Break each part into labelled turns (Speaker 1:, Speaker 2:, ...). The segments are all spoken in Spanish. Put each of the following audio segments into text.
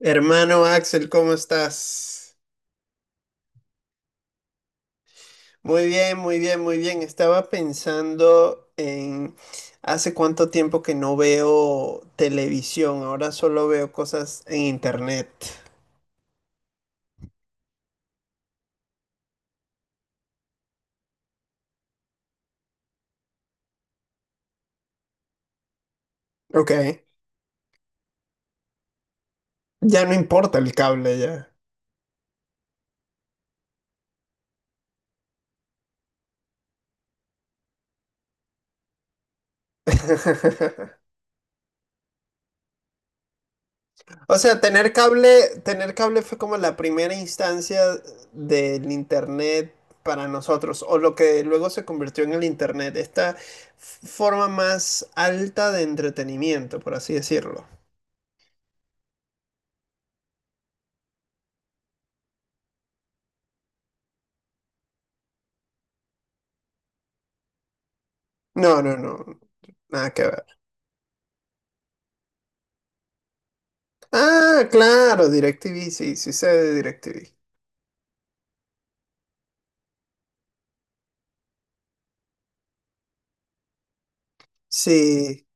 Speaker 1: Hermano Axel, ¿cómo estás? Muy bien, muy bien, muy bien. Estaba pensando en hace cuánto tiempo que no veo televisión, ahora solo veo cosas en internet. Ok. Ya no importa el cable ya. O sea, tener cable fue como la primera instancia del internet para nosotros, o lo que luego se convirtió en el internet, esta forma más alta de entretenimiento, por así decirlo. No, no, no, nada que ver. Ah, claro, DirecTV, sí, sí sé de DirecTV. Sí.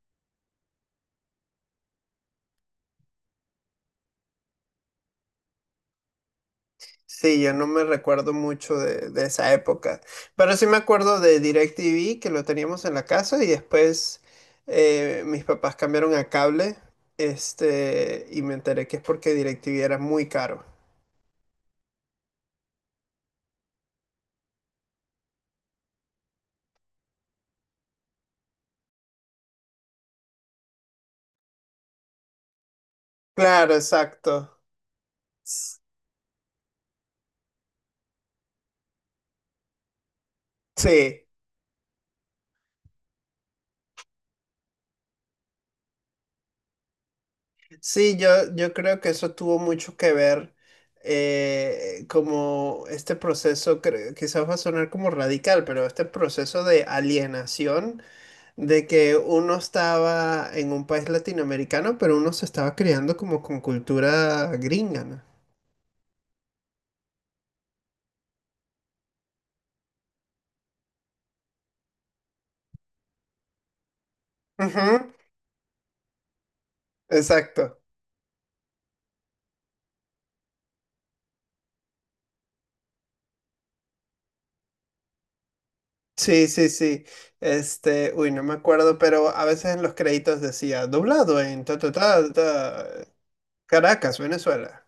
Speaker 1: Sí, yo no me recuerdo mucho de esa época, pero sí me acuerdo de DirecTV que lo teníamos en la casa y después mis papás cambiaron a cable, este, y me enteré que es porque DirecTV era muy caro. Claro, exacto. S- Sí, sí, yo creo que eso tuvo mucho que ver como este proceso, quizás va a sonar como radical, pero este proceso de alienación de que uno estaba en un país latinoamericano, pero uno se estaba criando como con cultura gringa, ¿no? Ujú. Exacto. Sí, sí, sí. Este, uy, no me acuerdo, pero a veces en los créditos decía doblado en ta, ta, ta, ta, Caracas, Venezuela.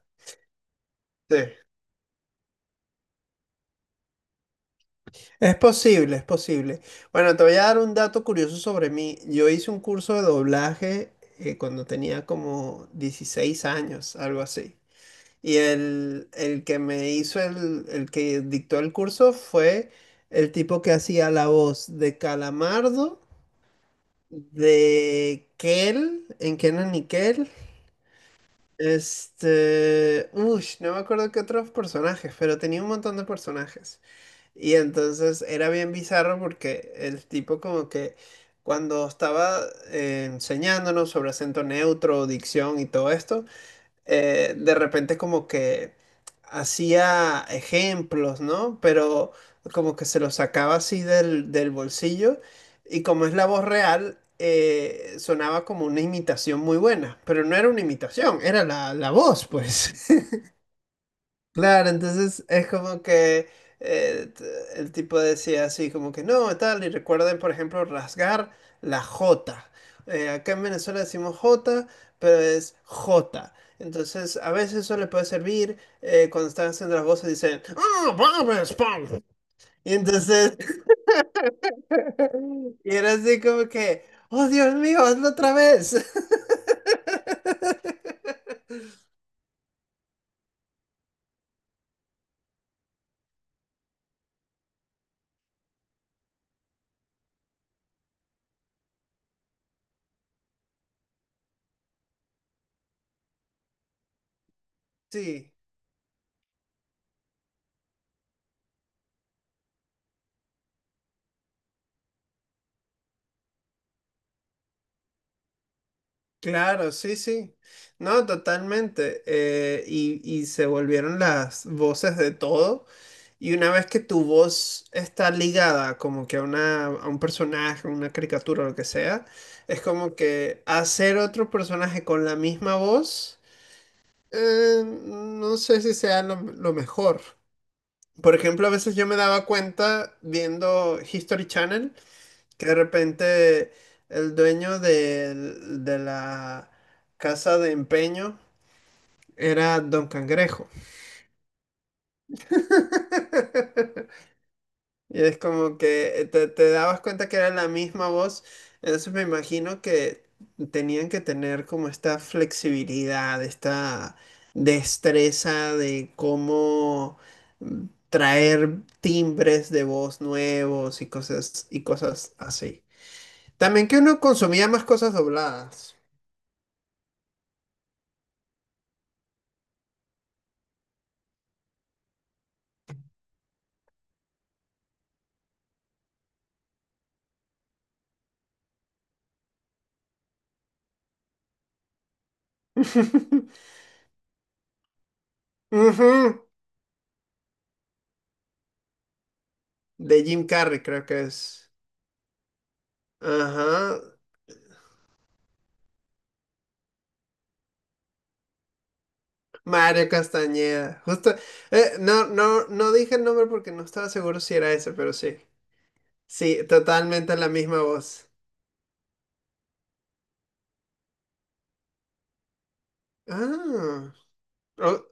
Speaker 1: Sí. Es posible, es posible. Bueno, te voy a dar un dato curioso sobre mí. Yo hice un curso de doblaje cuando tenía como 16 años, algo así. Y el que me hizo el que dictó el curso fue el tipo que hacía la voz de Calamardo, de Kel, en Kenan y Kel. Este, uy, no me acuerdo qué otros personajes, pero tenía un montón de personajes. Y entonces era bien bizarro porque el tipo como que cuando estaba enseñándonos sobre acento neutro, dicción y todo esto, de repente como que hacía ejemplos, ¿no? Pero como que se los sacaba así del bolsillo y como es la voz real, sonaba como una imitación muy buena, pero no era una imitación, era la voz, pues. Claro, entonces es como que eh, t- el tipo decía así, como que no, tal, y recuerden, por ejemplo, rasgar la J. Acá en Venezuela decimos J, pero es J. Entonces, a veces eso le puede servir cuando están haciendo las voces, dicen, "¡Ah, babes, pam!". Y entonces, y era así como que, ¡Oh, Dios mío, hazlo otra vez! Sí. Claro, sí, sí. No, totalmente. Y se volvieron las voces de todo. Y una vez que tu voz está ligada como que a a un personaje, una caricatura, lo que sea, es como que hacer otro personaje con la misma voz, no sé si sea lo mejor. Por ejemplo, a veces yo me daba cuenta viendo History Channel que de repente el dueño la casa de empeño era Don Cangrejo. Y es como que te dabas cuenta que era la misma voz. Entonces me imagino que tenían que tener como esta flexibilidad, esta destreza de cómo traer timbres de voz nuevos y cosas así. También que uno consumía más cosas dobladas. Ujú. De Jim Carrey, creo que es. Ajá. Mario Castañeda. Justo. Eh, no, no, no dije el nombre porque no estaba seguro si era ese, pero sí. Sí, totalmente la misma voz. Ah. Oh,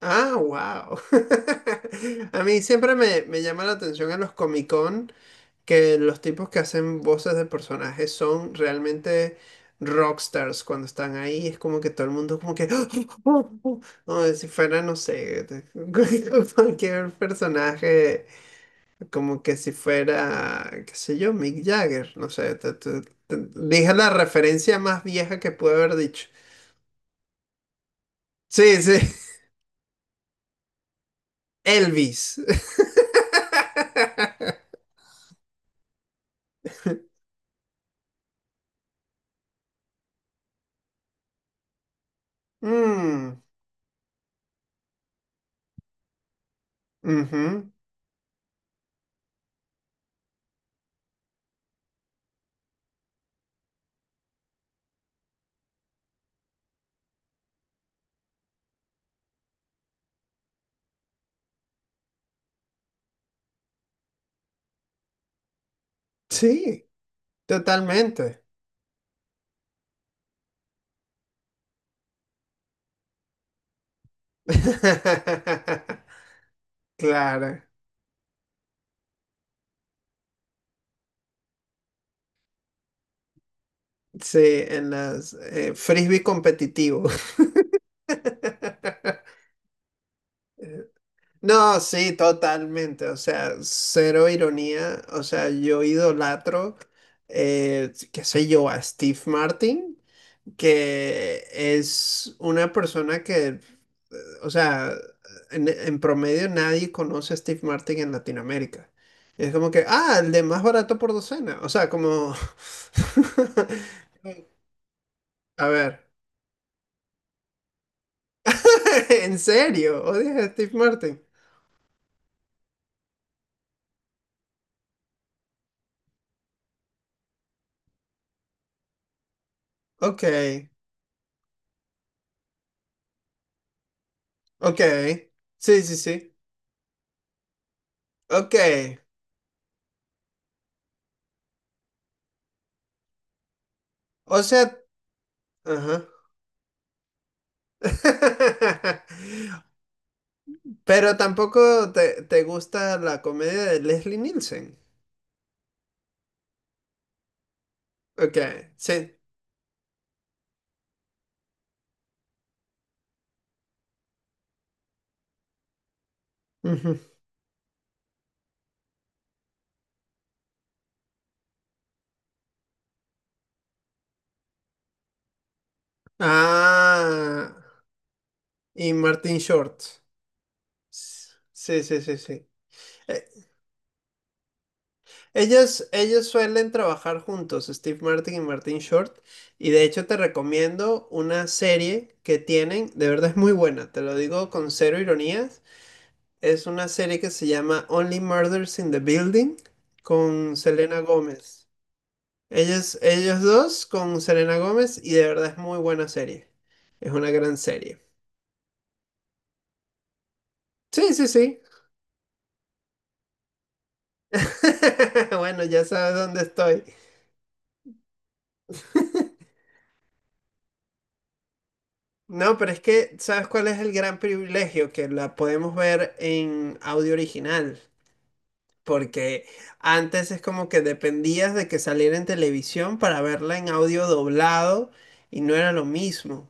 Speaker 1: ah, wow. A mí siempre me llama la atención en los Comic Con, que los tipos que hacen voces de personajes son realmente rockstars cuando están ahí. Es como que todo el mundo como que... como si fuera, no sé, cualquier personaje, como que si fuera, qué sé yo, Mick Jagger, no sé. Dije la referencia más vieja que pude haber dicho. Sí, sí, Elvis. Mm. Ujú. Sí, totalmente. Claro, sí, en las frisbee competitivo. No, sí, totalmente. O sea, cero ironía. O sea, yo idolatro, qué sé yo, a Steve Martin, que es una persona que, o sea, en promedio nadie conoce a Steve Martin en Latinoamérica. Es como que, ah, el de más barato por docena. O sea, como... A ver. ¿En serio? ¿Odias a Steve Martin? Ok, ok. Sí, sí, sí. Ok. O sea, ajá. Pero tampoco te gusta la comedia de Leslie Nielsen. Ok, sí. Ujú. Ah, y Martin Short. Sí, sí, sí, sí. Eh, ellos suelen trabajar juntos, Steve Martin y Martin Short. Y de hecho te recomiendo una serie que tienen, de verdad es muy buena, te lo digo con cero ironías. Es una serie que se llama Only Murders in the Building con Selena Gómez. Ellos dos con Selena Gómez y de verdad es muy buena serie. Es una gran serie. Sí, sí, sí. Bueno, ya sabes dónde estoy. No, pero es que, ¿sabes cuál es el gran privilegio? Que la podemos ver en audio original, porque antes es como que dependías de que saliera en televisión para verla en audio doblado y no era lo mismo.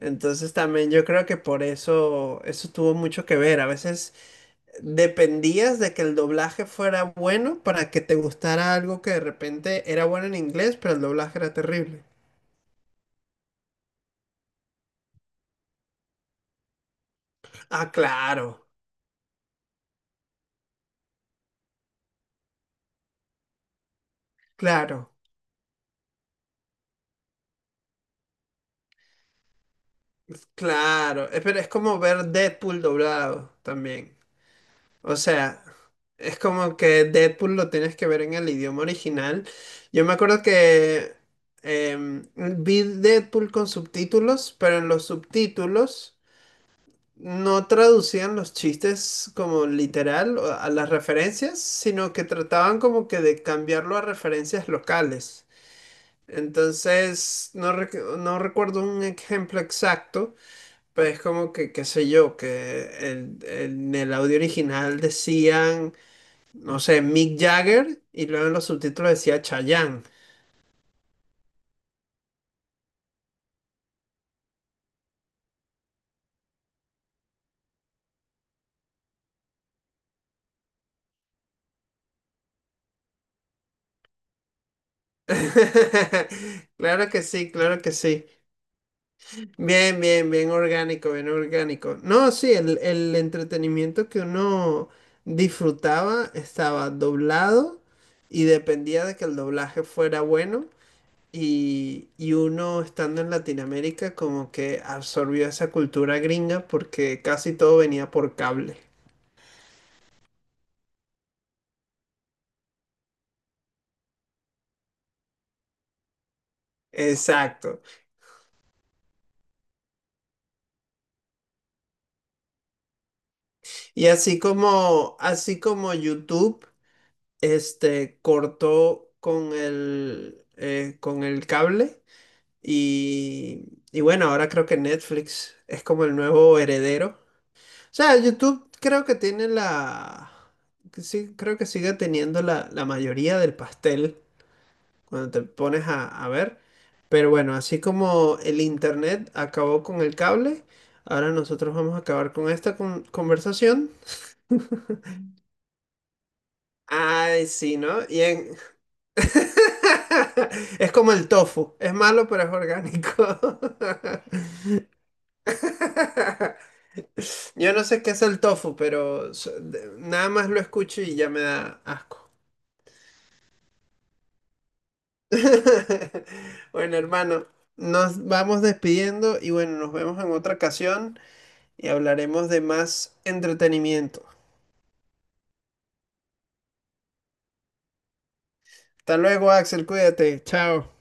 Speaker 1: Entonces también yo creo que por eso eso tuvo mucho que ver. A veces dependías de que el doblaje fuera bueno para que te gustara algo que de repente era bueno en inglés, pero el doblaje era terrible. Ah, claro. Claro, claro. Pero es como ver Deadpool doblado también. O sea, es como que Deadpool lo tienes que ver en el idioma original. Yo me acuerdo que vi Deadpool con subtítulos, pero en los subtítulos no traducían los chistes como literal o a las referencias, sino que trataban como que de cambiarlo a referencias locales. Entonces, no, no recuerdo un ejemplo exacto. Pero es como que, qué sé yo, que en el audio original decían, no sé, Mick Jagger y luego en los subtítulos decía Chayanne. Claro que sí, claro que sí. Bien, bien, bien orgánico, bien orgánico. No, sí, el entretenimiento que uno disfrutaba estaba doblado y dependía de que el doblaje fuera bueno. Y uno estando en Latinoamérica como que absorbió esa cultura gringa porque casi todo venía por cable. Exacto. Y así como YouTube, este, cortó con con el cable y bueno, ahora creo que Netflix es como el nuevo heredero. O sea, YouTube creo que tiene la, que sí, creo que sigue teniendo la, la mayoría del pastel cuando te pones a ver. Pero bueno, así como el internet acabó con el cable, ahora nosotros vamos a acabar con esta conversación. Ay, sí, ¿no? Es como el tofu, es malo pero es orgánico. Yo no sé qué es el tofu, pero nada más lo escucho y ya me da asco. Bueno, hermano, nos vamos despidiendo y bueno, nos vemos en otra ocasión. Y hablaremos de más entretenimiento. Hasta luego, Axel, cuídate, chao.